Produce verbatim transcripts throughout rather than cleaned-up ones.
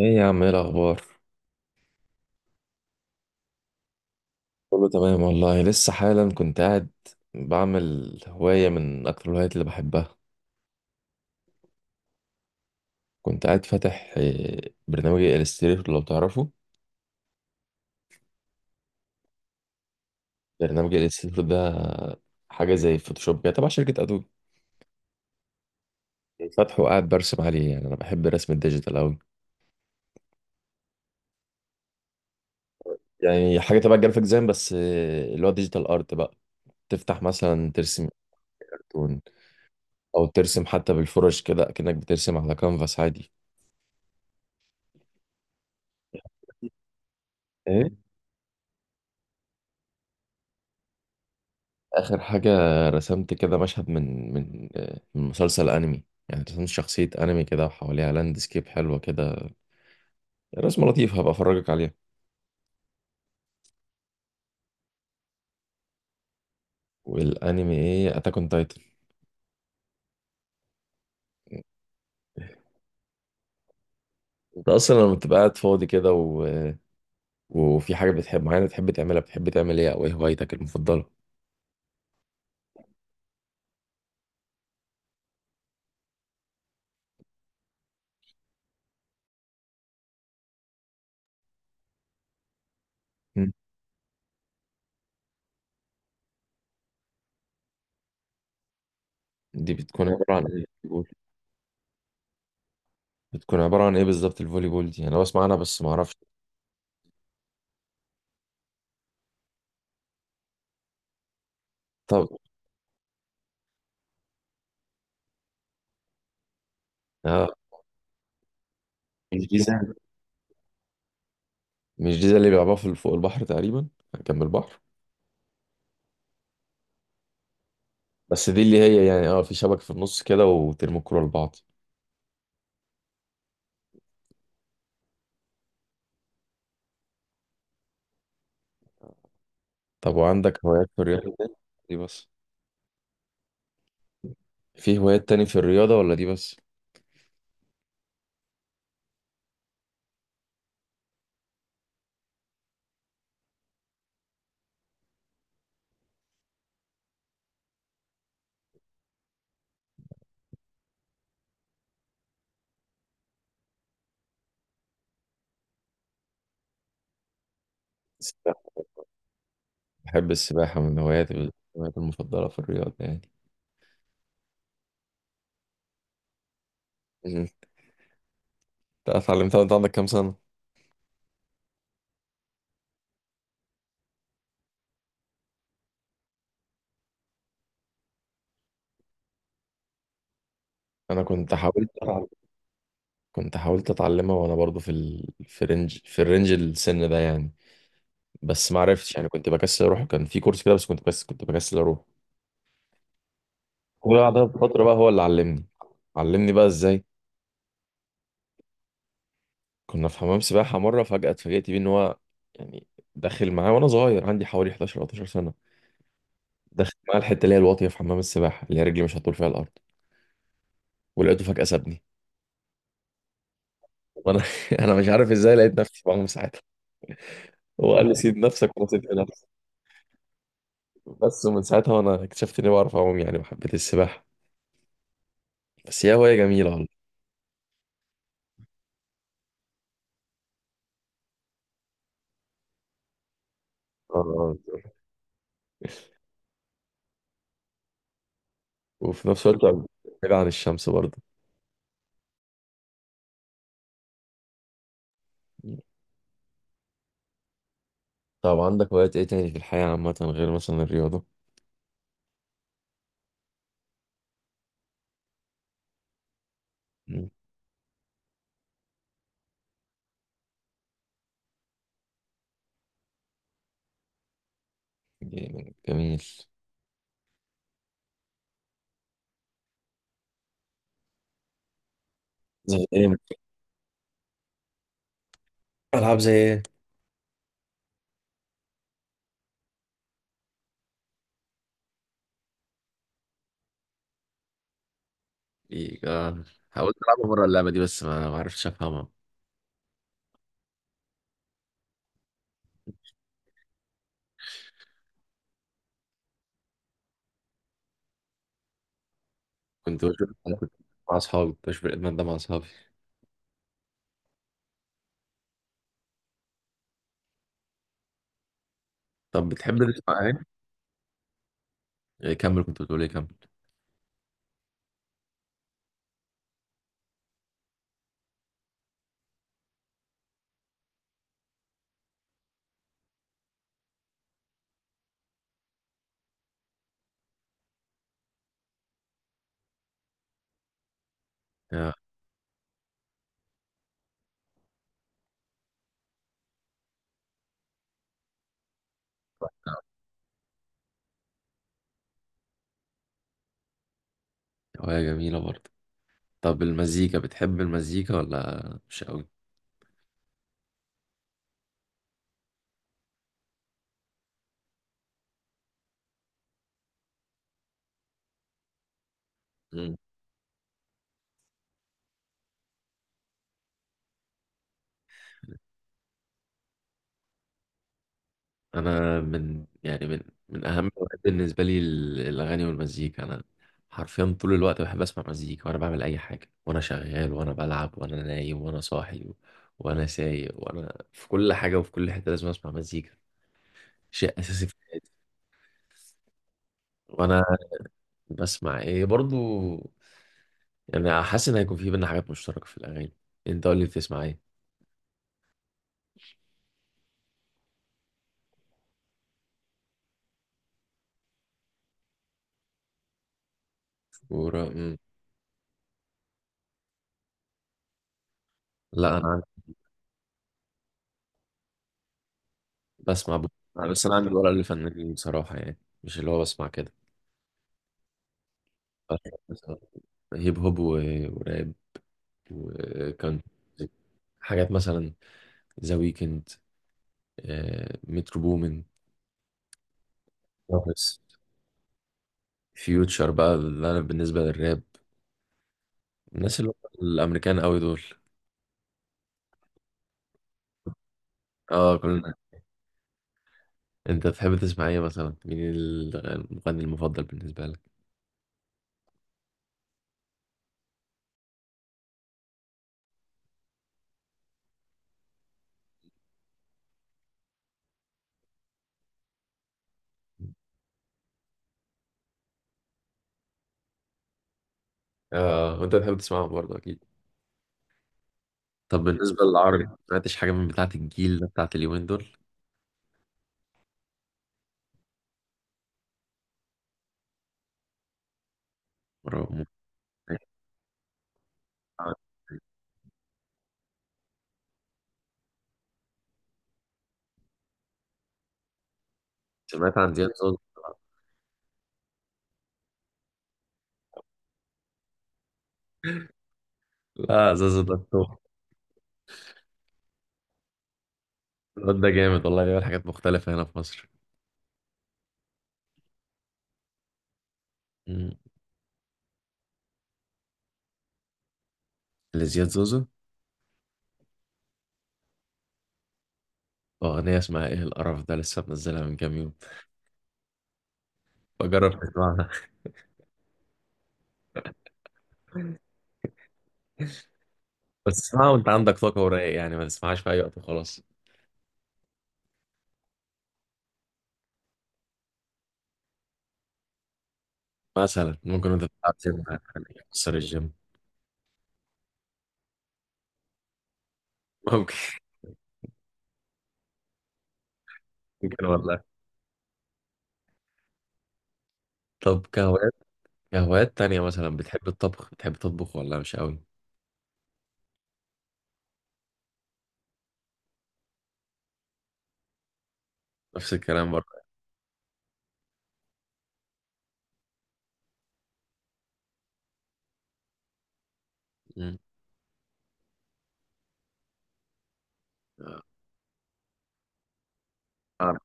ايه يا عم، ايه الاخبار؟ كله تمام والله، لسه حالا كنت قاعد بعمل هواية من اكتر الهوايات اللي بحبها. كنت قاعد فاتح إيه، برنامج الستريتور لو تعرفه. برنامج الستريتور ده حاجة زي فوتوشوب كده، تبع شركة ادوبي. فاتحه وقاعد برسم عليه، يعني انا بحب الرسم الديجيتال اوي. يعني حاجة تبع الجرافيك ديزاين، بس إيه، اللي هو ديجيتال ارت بقى. تفتح مثلا ترسم كرتون او ترسم حتى بالفرش كده، كأنك بترسم على كانفاس عادي. ايه؟ آخر حاجة رسمت كده مشهد من من آه، من مسلسل أنمي. يعني رسمت شخصية أنمي كده وحواليها لاندسكيب حلوة كده. رسمة لطيفة، هبقى أفرجك عليها. والأنمي إيه أتاك أون تايتن. أنت أصلا لما بتبقى قاعد فاضي كده و... وفي حاجة بتحب معينة بتحب تعملها، بتحب تعمل إيه؟ أو إيه هوايتك المفضلة؟ مم. دي بتكون عبارة عن إيه الفوليبول. بتكون عبارة عن إيه بالظبط الفولي بول دي؟ أنا بسمع عنها بس معرفش. طب، آه. مش دي زي- مش دي زي اللي بيلعبوها في- فوق البحر تقريبا، جنب البحر. بس دي اللي هي، يعني اه في شبكة في النص كده وترموا الكورة لبعض. طب وعندك هوايات في الرياضة تاني؟ دي بس؟ في هوايات تاني في الرياضة ولا دي بس؟ السباحة. بحب السباحة، من هواياتي من هواياتي المفضلة في الرياضة يعني. مم. انت اتعلمتها وانت عندك كام سنة؟ انا كنت حاولت أتعلم. كنت حاولت اتعلمها وانا برضو في ال... في رينج في الرينج السن ده يعني. بس ما عرفتش، يعني كنت بكسل اروح. كان في كورس كده بس كنت بس كنت بكسل اروح. وبعدها بفترة بقى هو اللي علمني. علمني بقى ازاي. كنا في حمام سباحة مرة، فجأة اتفاجئت بيه إن هو، يعني، داخل معاه وأنا صغير عندي حوالي حداشر أو اثنا عشر سنة. داخل معاه الحتة اللي هي الواطية في حمام السباحة، اللي هي رجلي مش هتطول فيها الأرض. ولقيته فجأة سابني، وأنا أنا مش عارف إزاي لقيت نفسي بعوم ساعتها. هو قال لي سيب نفسك وأنا سبت نفسي. بس ومن ساعتها وأنا اكتشفت إني بعرف أعوم يعني، وحبيت السباحة. بس هي هواية جميلة والله. آه. وفي نفس الوقت بعيد عن الشمس برضه. طب عندك هوايات إيه تاني في الحياة عامة غير مثلا الرياضة؟ مم. جميل. زي إيه؟ ألعاب زي إيه؟ إيه، آه. حاولت ألعبها مرة، اللعبة دي بس ما ما عرفتش أفهمها. كنت بشوف، أنا كنت مع أصحابي كنت بشوف الإدمان ده مع أصحابي. طب بتحب تسمع أغاني؟ إيه، كمل، كنت بتقول إيه، كمل. آه. هواية جميلة برضه. طب المزيكا، بتحب المزيكا ولا مش قوي؟ مم. أنا من، يعني، من من أهم الهوايات بالنسبة لي ال- الأغاني والمزيكا. أنا حرفيا طول الوقت بحب أسمع مزيكا، وأنا بعمل أي حاجة، وأنا شغال، وأنا بلعب، وأنا نايم، وأنا صاحي، وأنا سايق، وأنا في كل حاجة، وفي كل حتة لازم أسمع مزيكا. شيء اساسي في- وانا بسمع ايه برضو. يعني حاسس ان هيكون في بينا حاجات مشتركه في الاغاني. انت قول لي بتسمع ايه. ورا. مم. لا، انا عندي- بسمع ب... بس انا عندي ورقه للفنانين بصراحه، يعني مش اللي هو بسمع كده. بس هيب هوب و... وراب. وكان حاجات مثلا، ذا ويكند، مترو بومن، بس فيوتشر بقى، اللي انا بالنسبه للراب، الناس اللي هم الامريكان قوي دول. اه، كلنا. انت تحب تسمع ايه مثلا؟ مين ال- المغني المفضل بالنسبه لك؟ اه، وانت بتحب تسمعهم برضه اكيد. طب بالنسبه للعربي، ما سمعتش حاجه من بتاعه الجيل ده، بتاعه اليومين دول. ورغم- سمعت عن زياد زوزو. لا، زوزو ده التوب. الواد ده جامد والله، بيعمل حاجات مختلفه هنا في مصر. مم. لزياد زوزو، اغنيه اسمها ايه القرف ده، لسه منزلها من كام يوم. بجرب تسمعها. بس اسمعها وانت عندك طاقه ورايق، يعني ما تسمعهاش في اي وقت وخلاص. مثلا ممكن وانت بتلعب جيم يعني تكسر الجيم. ممكن. ممكن والله. طب كهوايات، كهوايات تانية مثلا، بتحب الطبخ، بتحب تطبخ ولا مش قوي؟ نفس الكلام برضه. مم. أنا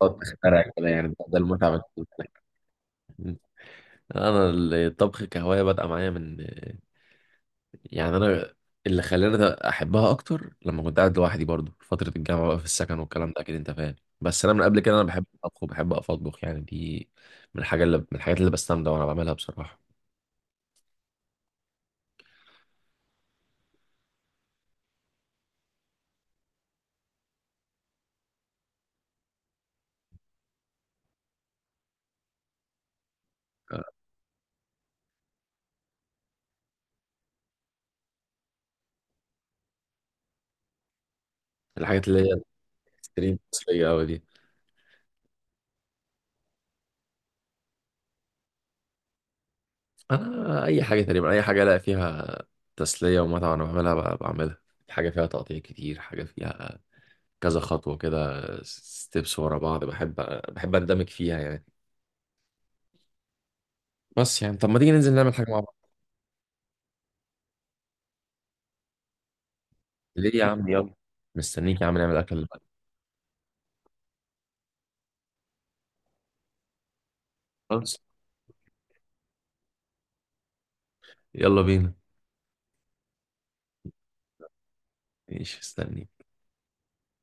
بقعد أخترع كده، يعني ده ده المتعة بالنسبة لي. انا الطبخ كهواية بدأ معايا من، يعني، انا اللي خلاني ده احبها اكتر لما كنت قاعد لوحدي برضه في فترة الجامعة بقى، في السكن والكلام ده اكيد انت فاهم. بس انا من قبل كده انا بحب الطبخ، وبحب اقف اطبخ يعني. دي من الحاجة اللي من الحاجات اللي بستمتع وانا بعملها بصراحة. الحاجات اللي هي ستريم مصرية قوي دي. انا اي حاجه تقريبا، اي حاجه الاقي فيها تسليه ومتعه وانا بعملها، ب- بعملها حاجه فيها تقطيع كتير، حاجه فيها كذا خطوه كده، ستيبس ورا بعض، بحب بحب اندمج فيها يعني. بس يعني طب، ما تيجي ننزل نعمل حاجه مع بعض؟ ليه يا عم، يلا. مستنيك يا عم، نعمل اكل دلوقتي. خلاص. يلا بينا. ماشي، مستنيك.